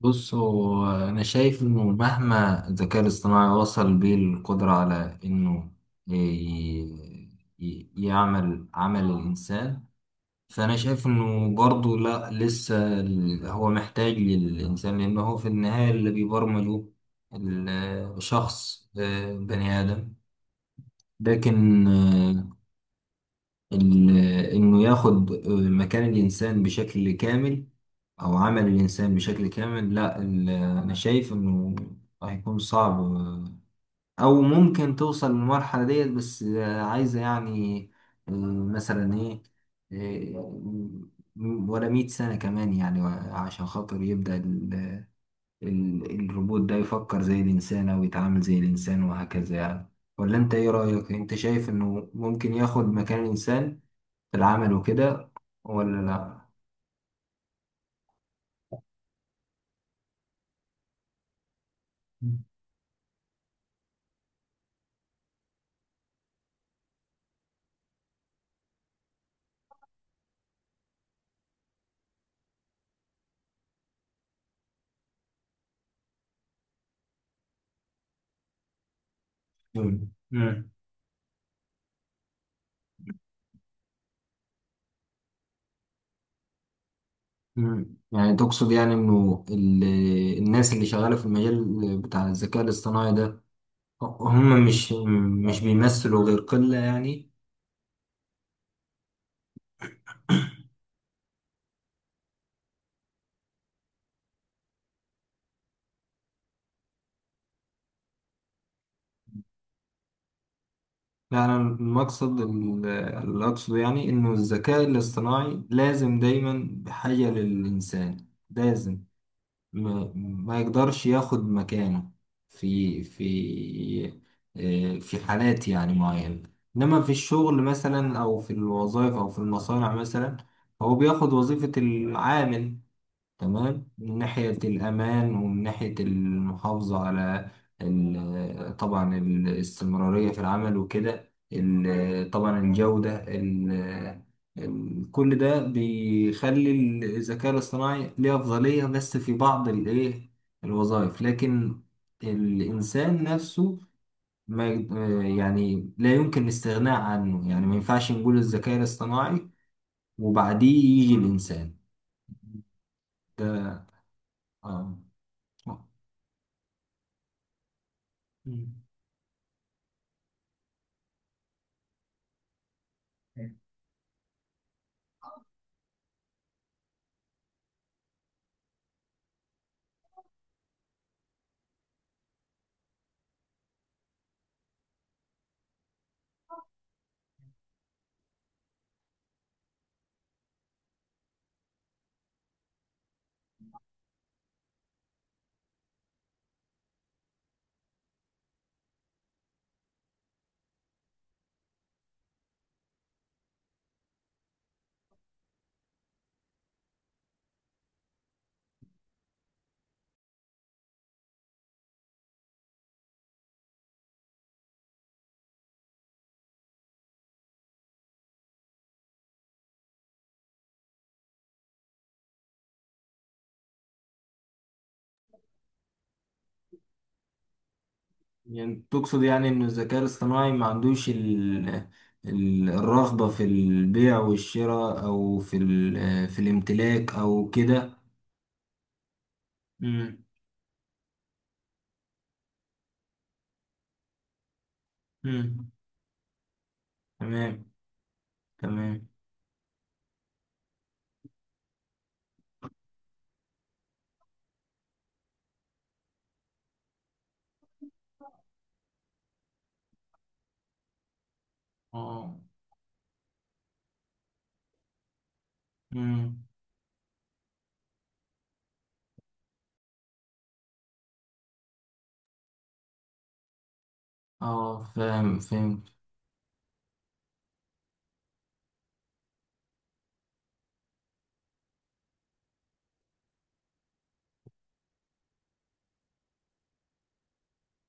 بص، هو أنا شايف إنه مهما الذكاء الاصطناعي وصل بيه القدرة على إنه ي- يعمل عمل الإنسان، فأنا شايف إنه برضه لأ، لسه هو محتاج للإنسان، لأنه هو في النهاية اللي بيبرمجه الشخص، بني آدم. لكن ال- إنه ياخد مكان الإنسان بشكل كامل أو عمل الإنسان بشكل كامل، لا، أنا شايف إنه هيكون صعب، أو ممكن توصل للمرحلة ديت. بس عايزة يعني، آه، مثلا إيه، آه، ولا 100 سنة كمان يعني. عشان خاطر يبدأ الروبوت ده يفكر زي الإنسان أو يتعامل زي الإنسان وهكذا يعني. ولا أنت إيه رأيك؟ أنت شايف إنه ممكن ياخد مكان الإنسان في العمل وكده، ولا لا؟ مم. مم. يعني تقصد يعني انه الناس اللي شغالة في المجال بتاع الذكاء الاصطناعي ده، هم مش بيمثلوا غير قلة يعني؟ لا، انا المقصد اللي اقصده يعني، انه الذكاء الاصطناعي لازم دايما بحاجة للانسان، لازم ما يقدرش ياخد مكانه في في في حالات يعني معينة. إنما في الشغل مثلا، أو في الوظائف، أو في المصانع مثلا، هو بياخد وظيفة العامل، تمام، من ناحية الأمان ومن ناحية المحافظة على طبعا الاستمرارية في العمل وكده، طبعا الجودة، كل ده بيخلي الذكاء الاصطناعي ليه أفضلية بس في بعض الإيه الوظائف. لكن الإنسان نفسه ما يعني لا يمكن الاستغناء عنه يعني، ما ينفعش نقول الذكاء الاصطناعي وبعديه يجي الإنسان. آه. يعني تقصد يعني إن الذكاء الاصطناعي ما عندوش الرغبة في البيع والشراء، أو في الامتلاك أو كده؟ مم. مم. تمام. تمام. اه. مم. اه، فاهم. فهمت.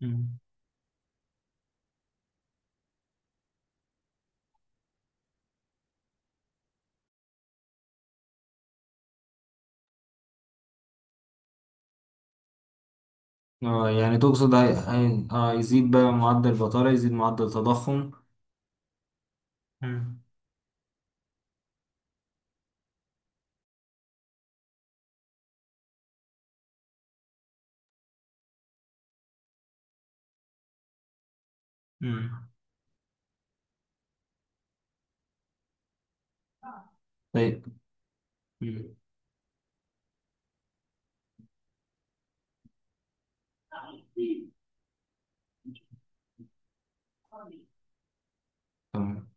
مم. اه، يعني تقصد هي... هي... اه يزيد بقى معدل البطالة، يزيد معدل التضخم. مم. مم. طيب. مم. تمام.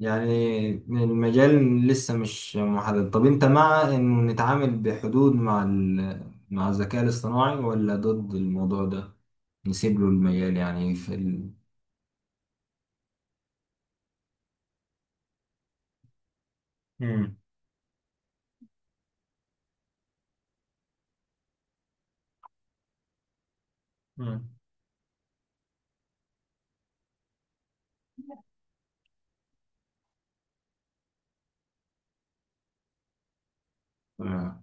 يعني المجال لسه مش محدد. طب انت مع انه نتعامل بحدود مع مع الذكاء الاصطناعي، ولا ضد الموضوع ده؟ نسيب له المجال يعني مم. مم. آه.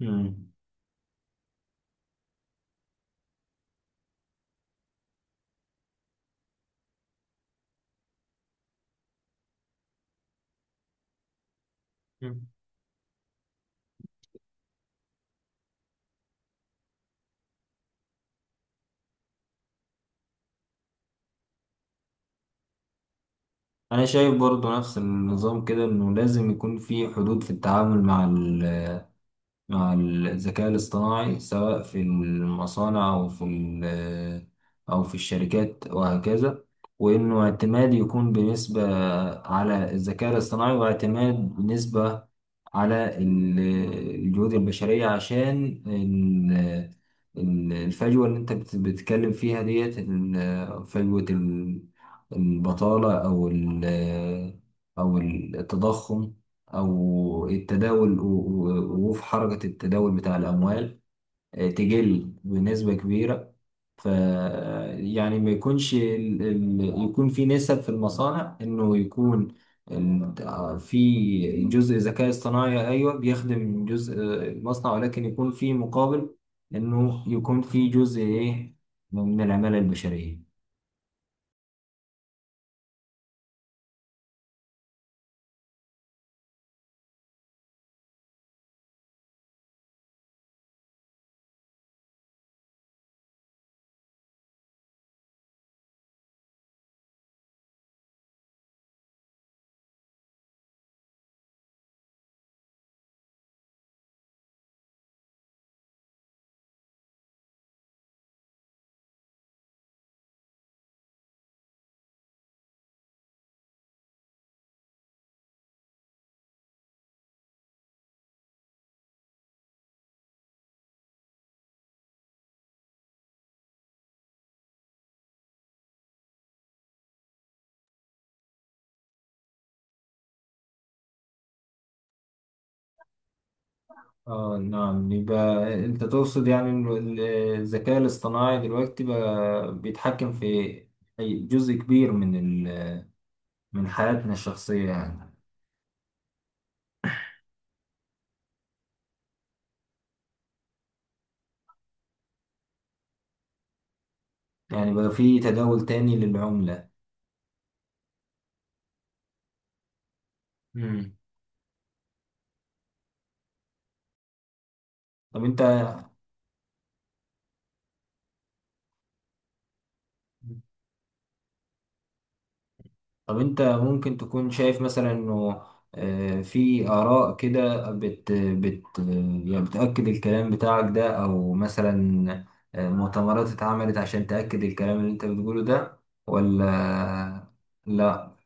مم. مم. انا شايف برضو نفس النظام كده، انه لازم يكون في حدود في التعامل مع مع الذكاء الاصطناعي، سواء في المصانع أو في أو في الشركات وهكذا. وإنه اعتماد يكون بنسبة على الذكاء الاصطناعي، واعتماد بنسبة على الجهود البشرية، عشان الفجوة اللي أنت بتتكلم فيها ديت، فجوة البطالة أو أو التضخم، أو التداول وفي حركة التداول بتاع الأموال، تقل بنسبة كبيرة. ف يعني ما يكونش يكون في نسب في المصانع، إنه يكون ال... آه، في جزء ذكاء اصطناعي، أيوه، بيخدم جزء المصنع، ولكن يكون في مقابل إنه يكون في جزء إيه من العمالة البشرية. اه نعم، يبقى انت تقصد يعني إنه الذكاء الاصطناعي دلوقتي بقى بيتحكم في أي جزء كبير من ال... من حياتنا الشخصية يعني؟ يعني بقى في تداول تاني للعملة؟ مم. طب انت طب انت ممكن تكون شايف مثلا انه في آراء كده بت يعني بتأكد الكلام بتاعك ده، او مثلا مؤتمرات اتعملت عشان تأكد الكلام اللي انت بتقوله ده؟ ولا لا؟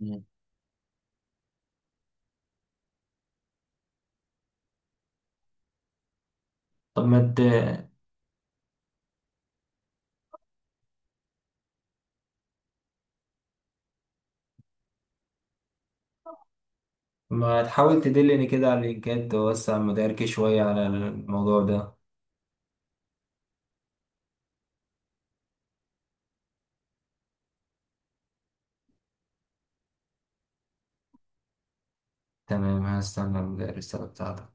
مم. طب ما تحاول تدلني كده على اللينكات، توسع مداركي شوية على الموضوع ده. تمام، هستنى الرسالة بتاعتك.